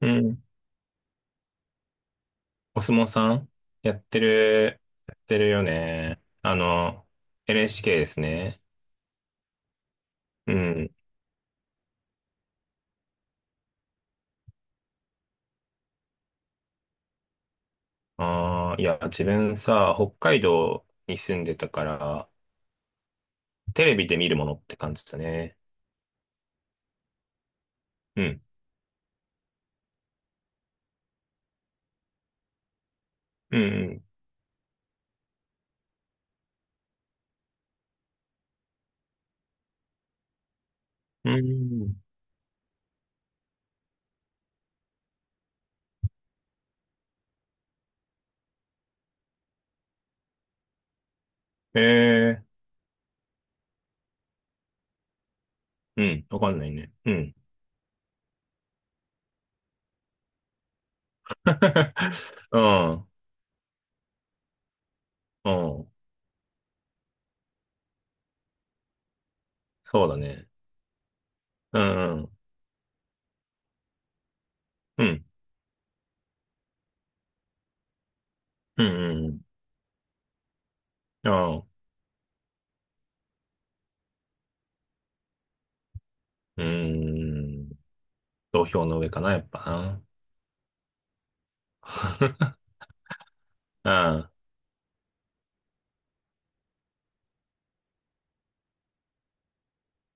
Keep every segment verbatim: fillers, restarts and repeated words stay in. うん。お相撲さんやってる、やってるよね。あの、エルエイチケー ですね。うん。ああ、いや、自分さ、北海道に住んでたから、テレビで見るものって感じだね。うん。うん、うん。うん。えー、うん。わかんないね。うん。うん。うん。そうだね。うん。うん。うん。うん。うん。うん。ああ、うーん、土俵の上かな、やっぱな。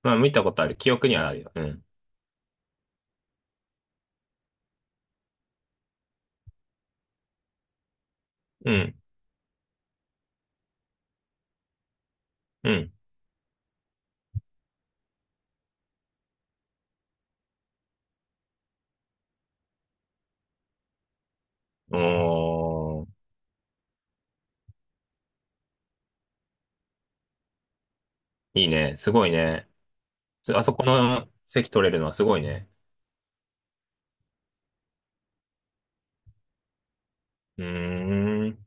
まあ、見たことある。記憶にはあるよ。うん。うん。うん。おー、いいね。すごいね。すあそこの席取れるのはすごいね。うーん。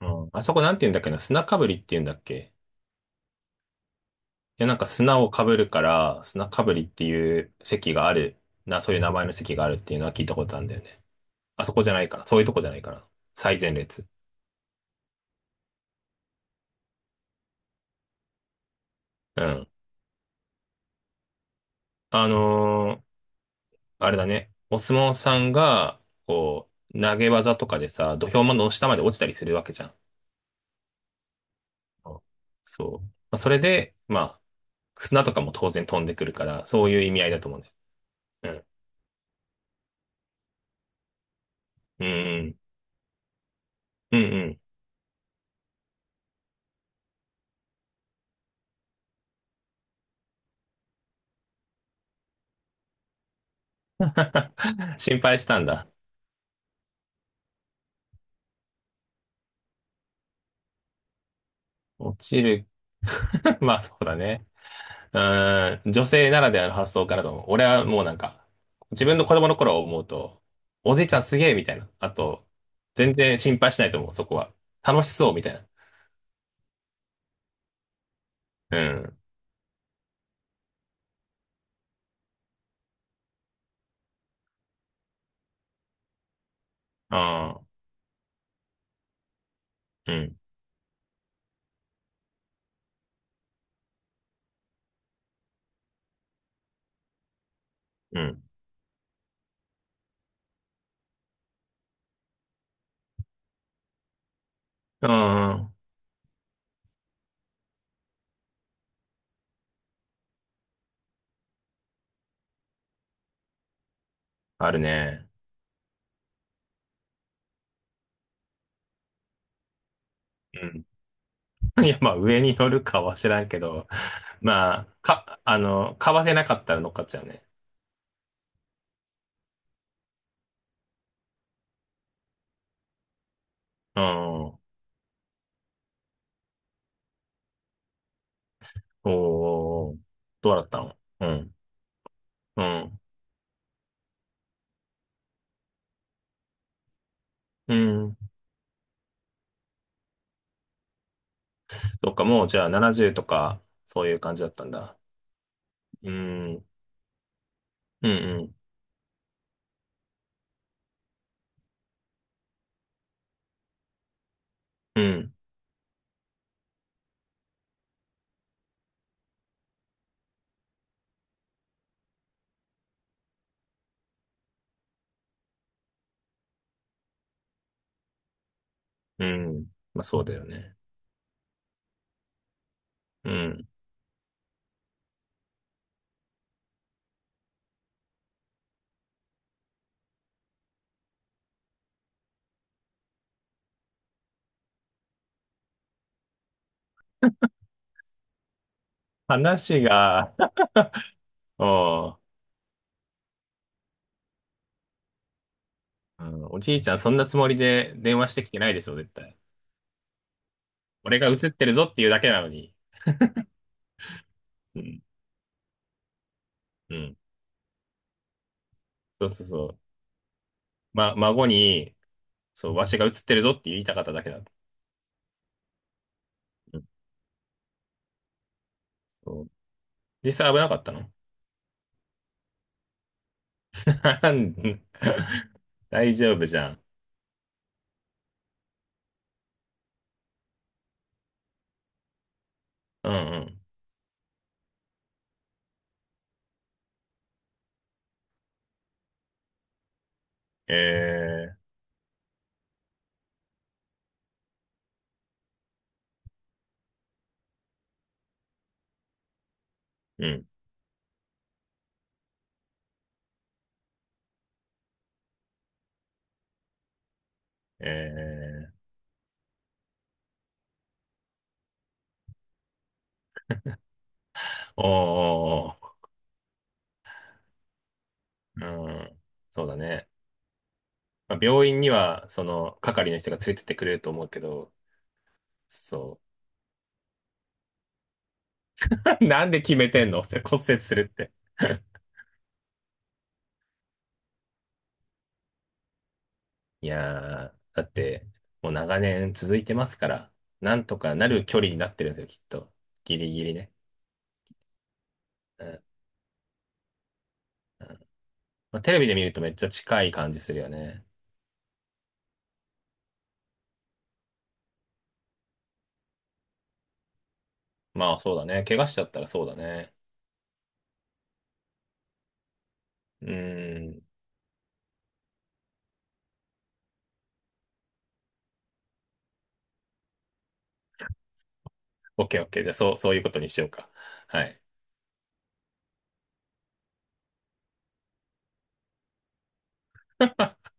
うん。あそこなんて言うんだっけな。砂かぶりって言うんだっけ。いや、なんか砂をかぶるから、砂かぶりっていう席がある。な、そういう名前の席があるっていうのは聞いたことあるんだよね。あそこじゃないから。そういうとこじゃないから。最前列。うん。あのーあれだね。お相撲さんが、こう、投げ技とかでさ、土俵の下まで落ちたりするわけじゃん。あ、そう。まあ、それで、まあ、砂とかも当然飛んでくるから、そういう意味合いだと思うね。うん。うんうん。うんうん。心配したんだ。落ちる。まあそうだね。うーん。女性ならではの発想かなと思う。俺はもうなんか、自分の子供の頃を思うと、おじいちゃんすげえみたいな。あと、全然心配しないと思う、そこは。楽しそうみたいな。うん。ああ、うん。うん。うん。あるね。いや、まあ、上に乗るかは知らんけど、まあ、か、あの、買わせなかったら乗っかっちゃうね。うん。おー、どうだったの。うん、うん、うん。そっか、もうじゃあななじゅうとか、そういう感じだったんだ。うん、うん、うん、うん、うん。まあ、そうだよね。うん。話が、おー、うん、おじいちゃんそんなつもりで電話してきてないでしょ、絶対。俺が映ってるぞっていうだけなのに。うん、うん。そうそうそう。ま、孫に、そう、わしが映ってるぞって言いたかっただけだ。うん。そう。実際危なかったの？ 大丈夫じゃん。うんうん。えー、うん。えー、おーおーおー、うん。そうだね。まあ、病院には、その、係の人が連れてってくれると思うけど、そう。なんで決めてんの？ 骨折するって。いやー、だって、もう長年続いてますから、なんとかなる距離になってるんですよ、きっと。ギリギリね。うん。まあ、テレビで見るとめっちゃ近い感じするよね。まあそうだね。怪我しちゃったらそうだね。うーん。オッケーオッケー。じゃあそう、そういうことにしようか。はい。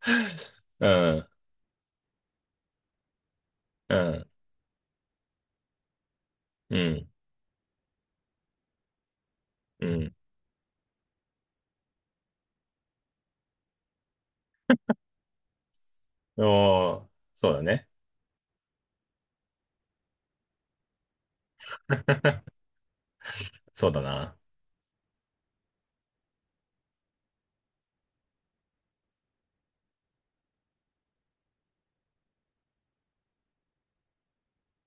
うん、うん、うん、うん。おー、そうだね。そうだな。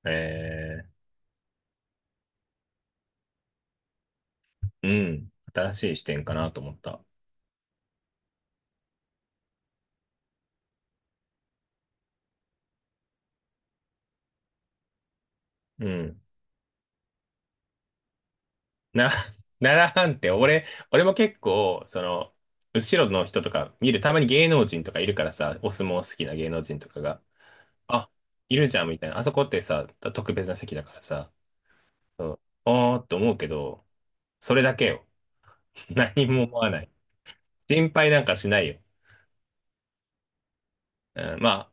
えー、うん。新しい視点かなと思った。うん。な、奈良藩って俺、俺も結構、その、後ろの人とか見る、たまに芸能人とかいるからさ、お相撲好きな芸能人とかが。あ、いるじゃんみたいな。あそこってさ、特別な席だからさ、うん、おーって思うけど、それだけよ。何も思わない。心配なんかしないよ。うん、まあ、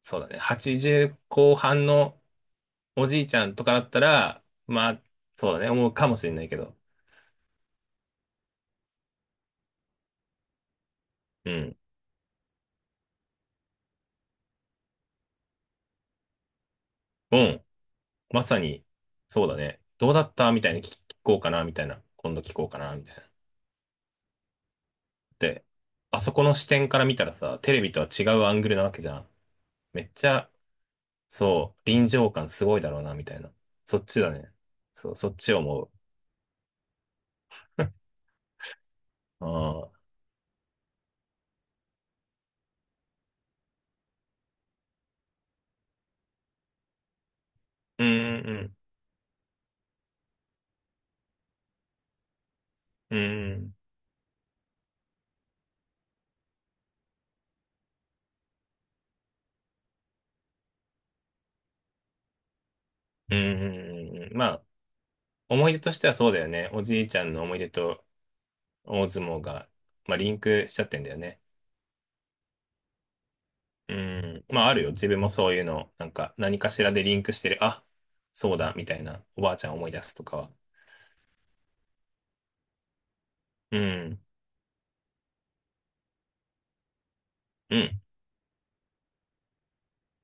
そうだね。はちじゅう後半のおじいちゃんとかだったら、まあ、そうだね。思うかもしれないけど。うん。うん。まさに、そうだね。どうだったみたいに聞聞こうかな、みたいな。今度聞こうかな、みたいな。で、あそこの視点から見たらさ、テレビとは違うアングルなわけじゃん。めっちゃそう、臨場感すごいだろうな、みたいな。そっちだね。そう、そっちを思う。ああ。うん、うん、うん、うん、うん、うん。まあ、思い出としてはそうだよね。おじいちゃんの思い出と大相撲が、まあ、リンクしちゃってんだよね。うん。まあ、あるよ。自分もそういうの、なんか、何かしらでリンクしてる。あ、そうだ、みたいな。おばあちゃん思い出すとかは。うん。うん、